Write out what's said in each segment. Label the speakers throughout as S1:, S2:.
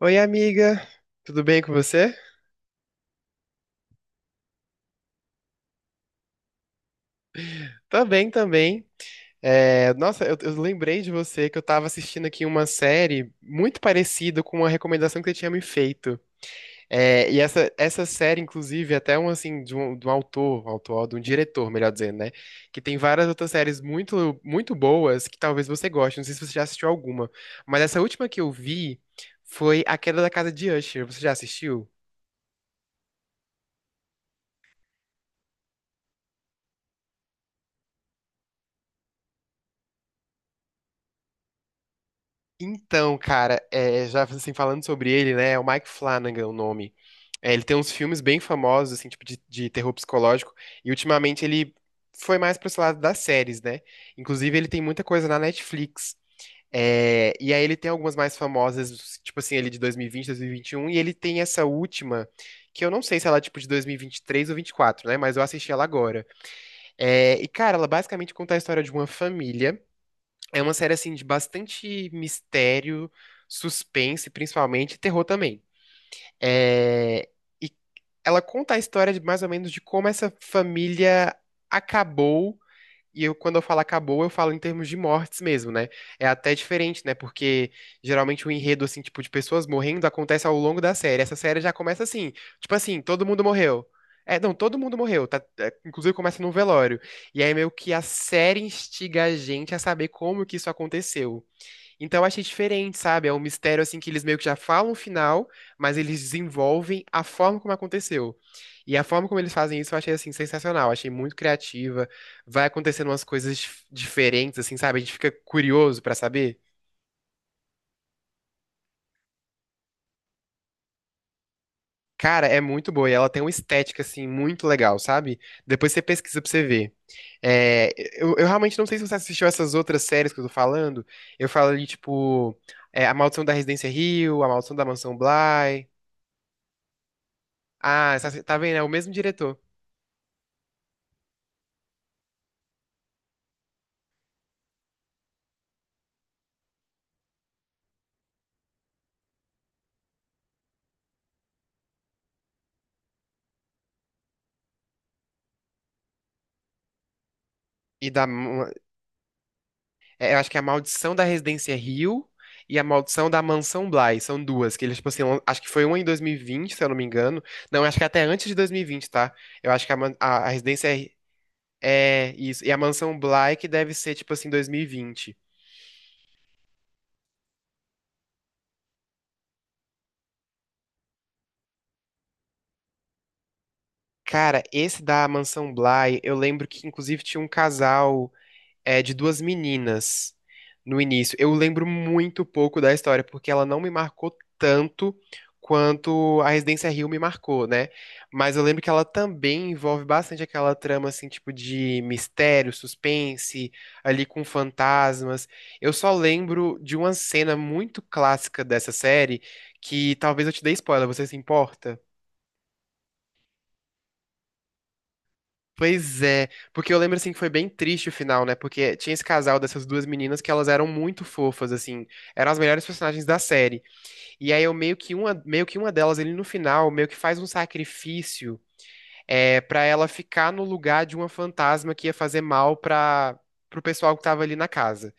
S1: Oi, amiga, tudo bem com você? Tô bem também. É, nossa, eu lembrei de você que eu tava assistindo aqui uma série muito parecida com uma recomendação que você tinha me feito. É, e essa série, inclusive, é até um assim, de um autor, de um diretor, melhor dizendo, né? Que tem várias outras séries muito, muito boas que talvez você goste. Não sei se você já assistiu alguma, mas essa última que eu vi foi A Queda da Casa de Usher. Você já assistiu? Então, cara, é, já assim, falando sobre ele, né? É o Mike Flanagan o nome. É, ele tem uns filmes bem famosos, assim, tipo de terror psicológico, e ultimamente ele foi mais pro esse lado das séries, né? Inclusive, ele tem muita coisa na Netflix. É, e aí ele tem algumas mais famosas, tipo assim, ele de 2020, 2021, e vinte, dois mil e vinte e um, e ele tem essa última, que eu não sei se ela é tipo de 2023 ou 2024, né? Mas eu assisti ela agora. É, e, cara, ela basicamente conta a história de uma família. É uma série assim de bastante mistério, suspense, principalmente, e terror também. É, e ela conta a história de mais ou menos de como essa família acabou, e eu, quando eu falo acabou, eu falo em termos de mortes mesmo, né? É até diferente, né? Porque geralmente o enredo, assim, tipo, de pessoas morrendo acontece ao longo da série. Essa série já começa assim, tipo assim, todo mundo morreu. É, não, todo mundo morreu, tá? É, inclusive começa num velório. E aí meio que a série instiga a gente a saber como que isso aconteceu. Então eu achei diferente, sabe? É um mistério assim que eles meio que já falam o final, mas eles desenvolvem a forma como aconteceu. E a forma como eles fazem isso eu achei assim sensacional, achei muito criativa. Vai acontecendo umas coisas diferentes assim, sabe? A gente fica curioso pra saber. Cara, é muito boa e ela tem uma estética assim muito legal, sabe? Depois você pesquisa pra você ver. É, eu realmente não sei se você assistiu essas outras séries que eu tô falando. Eu falo ali tipo é, A Maldição da Residência Hill, A Maldição da Mansão Bly. Ah, tá vendo? É o mesmo diretor. E da. É, eu acho que é a Maldição da Residência Rio e a Maldição da Mansão Bly. São duas, que eles, tipo assim, acho que foi uma em 2020, se eu não me engano. Não, acho que até antes de 2020, tá? Eu acho que a Residência é, é isso. E a Mansão Bly que deve ser, tipo assim, 2020. Cara, esse da Mansão Bly, eu lembro que inclusive tinha um casal. É de duas meninas no início. Eu lembro muito pouco da história, porque ela não me marcou tanto quanto a Residência Hill me marcou, né? Mas eu lembro que ela também envolve bastante aquela trama, assim, tipo de mistério, suspense, ali com fantasmas. Eu só lembro de uma cena muito clássica dessa série, que talvez eu te dê spoiler, você se importa? Pois é, porque eu lembro assim que foi bem triste o final, né? Porque tinha esse casal dessas duas meninas que elas eram muito fofas, assim, eram as melhores personagens da série. E aí eu meio que uma delas, ele no final, meio que faz um sacrifício, é, para ela ficar no lugar de uma fantasma que ia fazer mal pra, pro pessoal que tava ali na casa.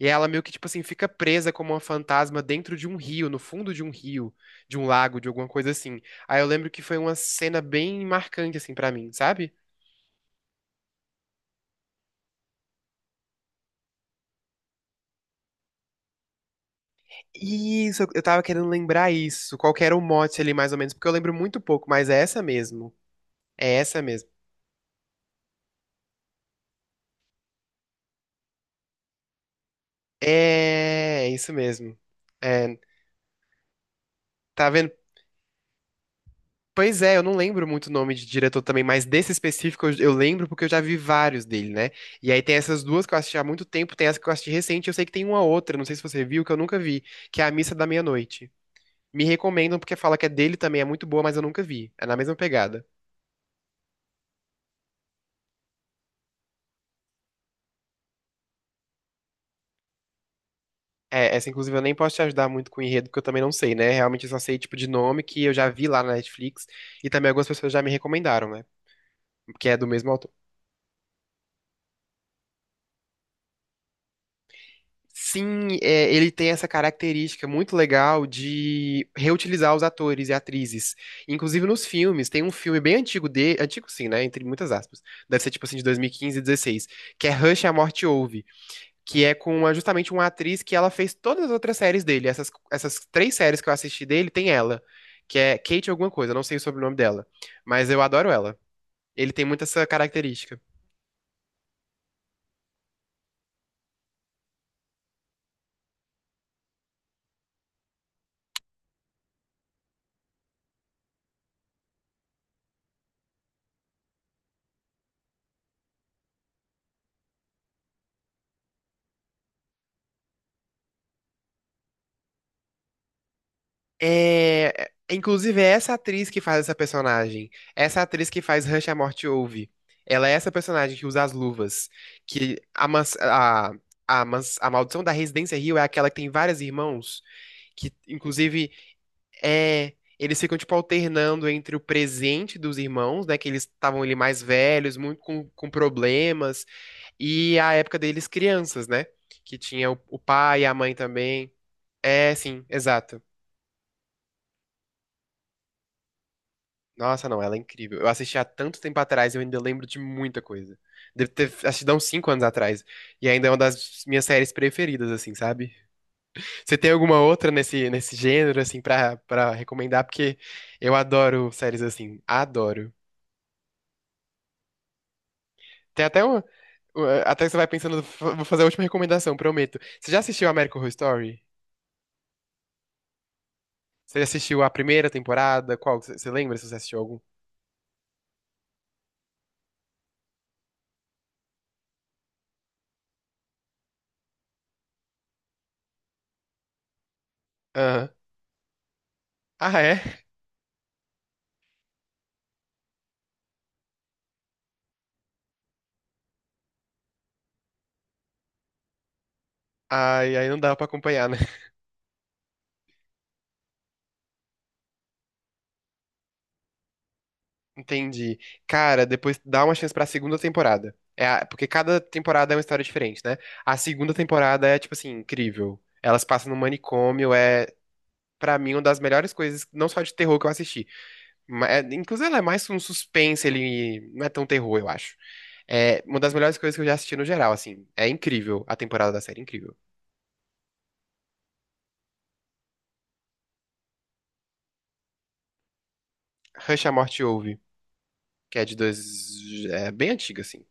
S1: E ela meio que, tipo assim, fica presa como uma fantasma dentro de um rio, no fundo de um rio, de um lago, de alguma coisa assim. Aí eu lembro que foi uma cena bem marcante, assim, pra mim, sabe? Isso, eu tava querendo lembrar isso. Qual que era o mote ali, mais ou menos? Porque eu lembro muito pouco, mas é essa mesmo. É essa mesmo. É, é isso mesmo. É, tá vendo? Pois é, eu não lembro muito o nome de diretor também, mas desse específico eu lembro porque eu já vi vários dele, né? E aí tem essas duas que eu assisti há muito tempo, tem essa que eu assisti recente, eu sei que tem uma outra, não sei se você viu, que eu nunca vi, que é A Missa da Meia-Noite. Me recomendam porque fala que é dele também, é muito boa, mas eu nunca vi. É na mesma pegada. É, essa inclusive eu nem posso te ajudar muito com o enredo, porque eu também não sei, né? Realmente eu só sei tipo de nome que eu já vi lá na Netflix e também algumas pessoas já me recomendaram, né? Porque é do mesmo autor. Sim, é, ele tem essa característica muito legal de reutilizar os atores e atrizes. Inclusive nos filmes, tem um filme bem antigo de, antigo sim, né? Entre muitas aspas. Deve ser tipo assim de 2015 e 16, que é Rush, a Morte Ouve. Que é com justamente uma atriz que ela fez todas as outras séries dele. Essas três séries que eu assisti dele tem ela, que é Kate alguma coisa, não sei o sobrenome dela, mas eu adoro ela. Ele tem muito essa característica. É, inclusive é essa atriz que faz essa personagem, essa atriz que faz Rush à Morte Ouve. Ela é essa personagem que usa as luvas, que a, a maldição da Residência Hill é aquela que tem vários irmãos, que inclusive é, eles ficam, tipo, alternando entre o presente dos irmãos, né? Que eles estavam ali mais velhos, muito com problemas, e a época deles crianças, né? Que tinha o pai e a mãe também. É, sim, exato. Nossa, não, ela é incrível. Eu assisti há tanto tempo atrás, e eu ainda lembro de muita coisa. Deve ter assistido há uns 5 anos atrás. E ainda é uma das minhas séries preferidas, assim, sabe? Você tem alguma outra nesse gênero, assim, pra recomendar? Porque eu adoro séries assim. Adoro. Tem até um- É, até que você vai pensando, vou fazer a última recomendação, prometo. Você já assistiu American Horror Story? Você já assistiu a primeira temporada? Qual? Você lembra se você assistiu algum? Aham. Ah, é? Ai, aí não dava pra acompanhar, né? Entendi. Cara, depois dá uma chance pra segunda temporada. Porque cada temporada é uma história diferente, né? A segunda temporada é, tipo assim, incrível. Elas passam no manicômio, é, pra mim, uma das melhores coisas, não só de terror que eu assisti. Inclusive, ela é mais um suspense, ele não é tão terror, eu acho. É uma das melhores coisas que eu já assisti no geral, assim. É incrível a temporada da série, incrível. Rush, a Morte ouve, que é de dois... É bem antiga, assim.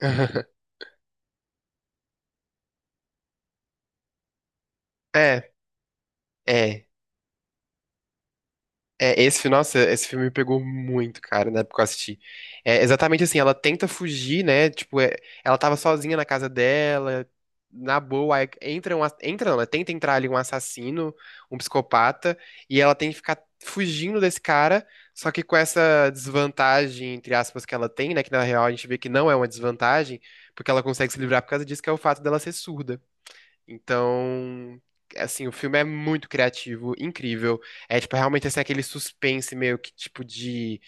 S1: É, é. É, nossa, esse filme me pegou muito, cara, na época que eu assisti. É exatamente assim, ela tenta fugir, né? Tipo, é, ela tava sozinha na casa dela, na boa, aí entra um, entra não, né? Tenta entrar ali um assassino, um psicopata, e ela tem que ficar fugindo desse cara, só que com essa desvantagem, entre aspas, que ela tem, né? Que na real a gente vê que não é uma desvantagem, porque ela consegue se livrar por causa disso, que é o fato dela ser surda. Então, assim, o filme é muito criativo, incrível. É, tipo, realmente, assim, aquele suspense meio que, tipo,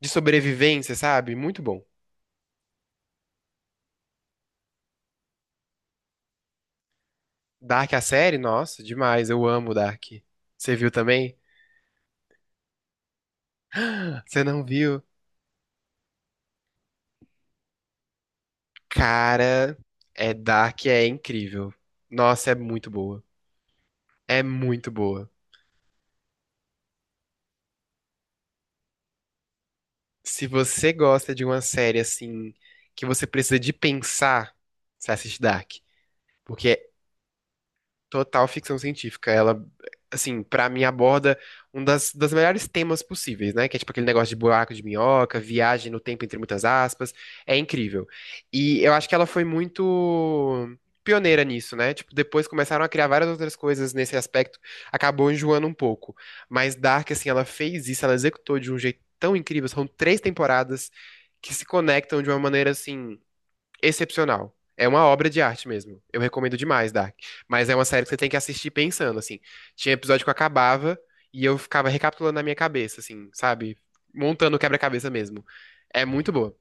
S1: de sobrevivência, sabe? Muito bom. Dark, a série, nossa, demais. Eu amo Dark. Você viu também? Você não viu? Cara, é Dark, é incrível. Nossa, é muito boa. É muito boa. Se você gosta de uma série, assim, que você precisa de pensar, você assiste Dark. Porque total ficção científica. Ela, assim, pra mim aborda um das melhores temas possíveis, né? Que é tipo aquele negócio de buraco de minhoca, viagem no tempo entre muitas aspas. É incrível. E eu acho que ela foi muito pioneira nisso, né? Tipo, depois começaram a criar várias outras coisas nesse aspecto, acabou enjoando um pouco. Mas Dark, assim, ela fez isso, ela executou de um jeito tão incrível. São três temporadas que se conectam de uma maneira, assim, excepcional. É uma obra de arte mesmo. Eu recomendo demais, Dark. Mas é uma série que você tem que assistir pensando, assim. Tinha episódio que eu acabava e eu ficava recapitulando na minha cabeça, assim, sabe? Montando o quebra-cabeça mesmo. É muito boa.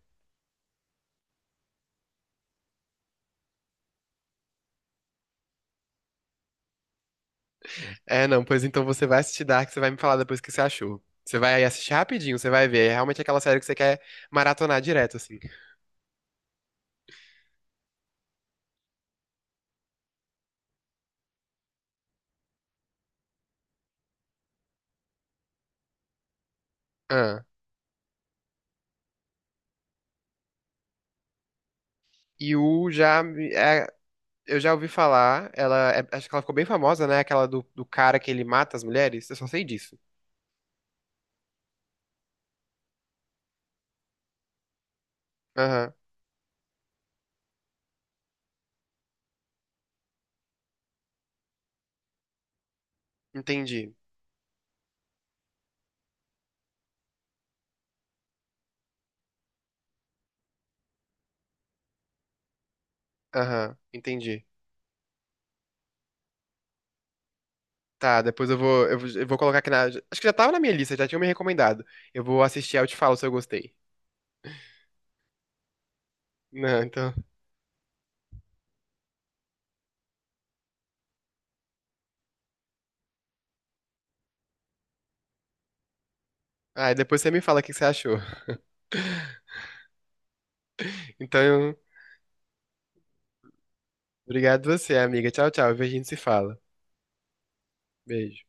S1: É, não, pois então você vai assistir Dark, você vai me falar depois o que você achou. Você vai assistir rapidinho, você vai ver. É realmente aquela série que você quer maratonar direto, assim. Ah, e o eu já ouvi falar, ela. Acho que ela ficou bem famosa, né? Aquela do cara que ele mata as mulheres. Eu só sei disso. Aham, entendi. Aham, entendi. Tá, depois eu vou, eu vou colocar aqui na. Acho que já tava na minha lista, já tinha me recomendado. Eu vou assistir, aí eu te falo se eu gostei. Não, então. Ah, e depois você me fala o que que você achou. Então, obrigado você, amiga. Tchau, tchau. A gente se fala. Beijo.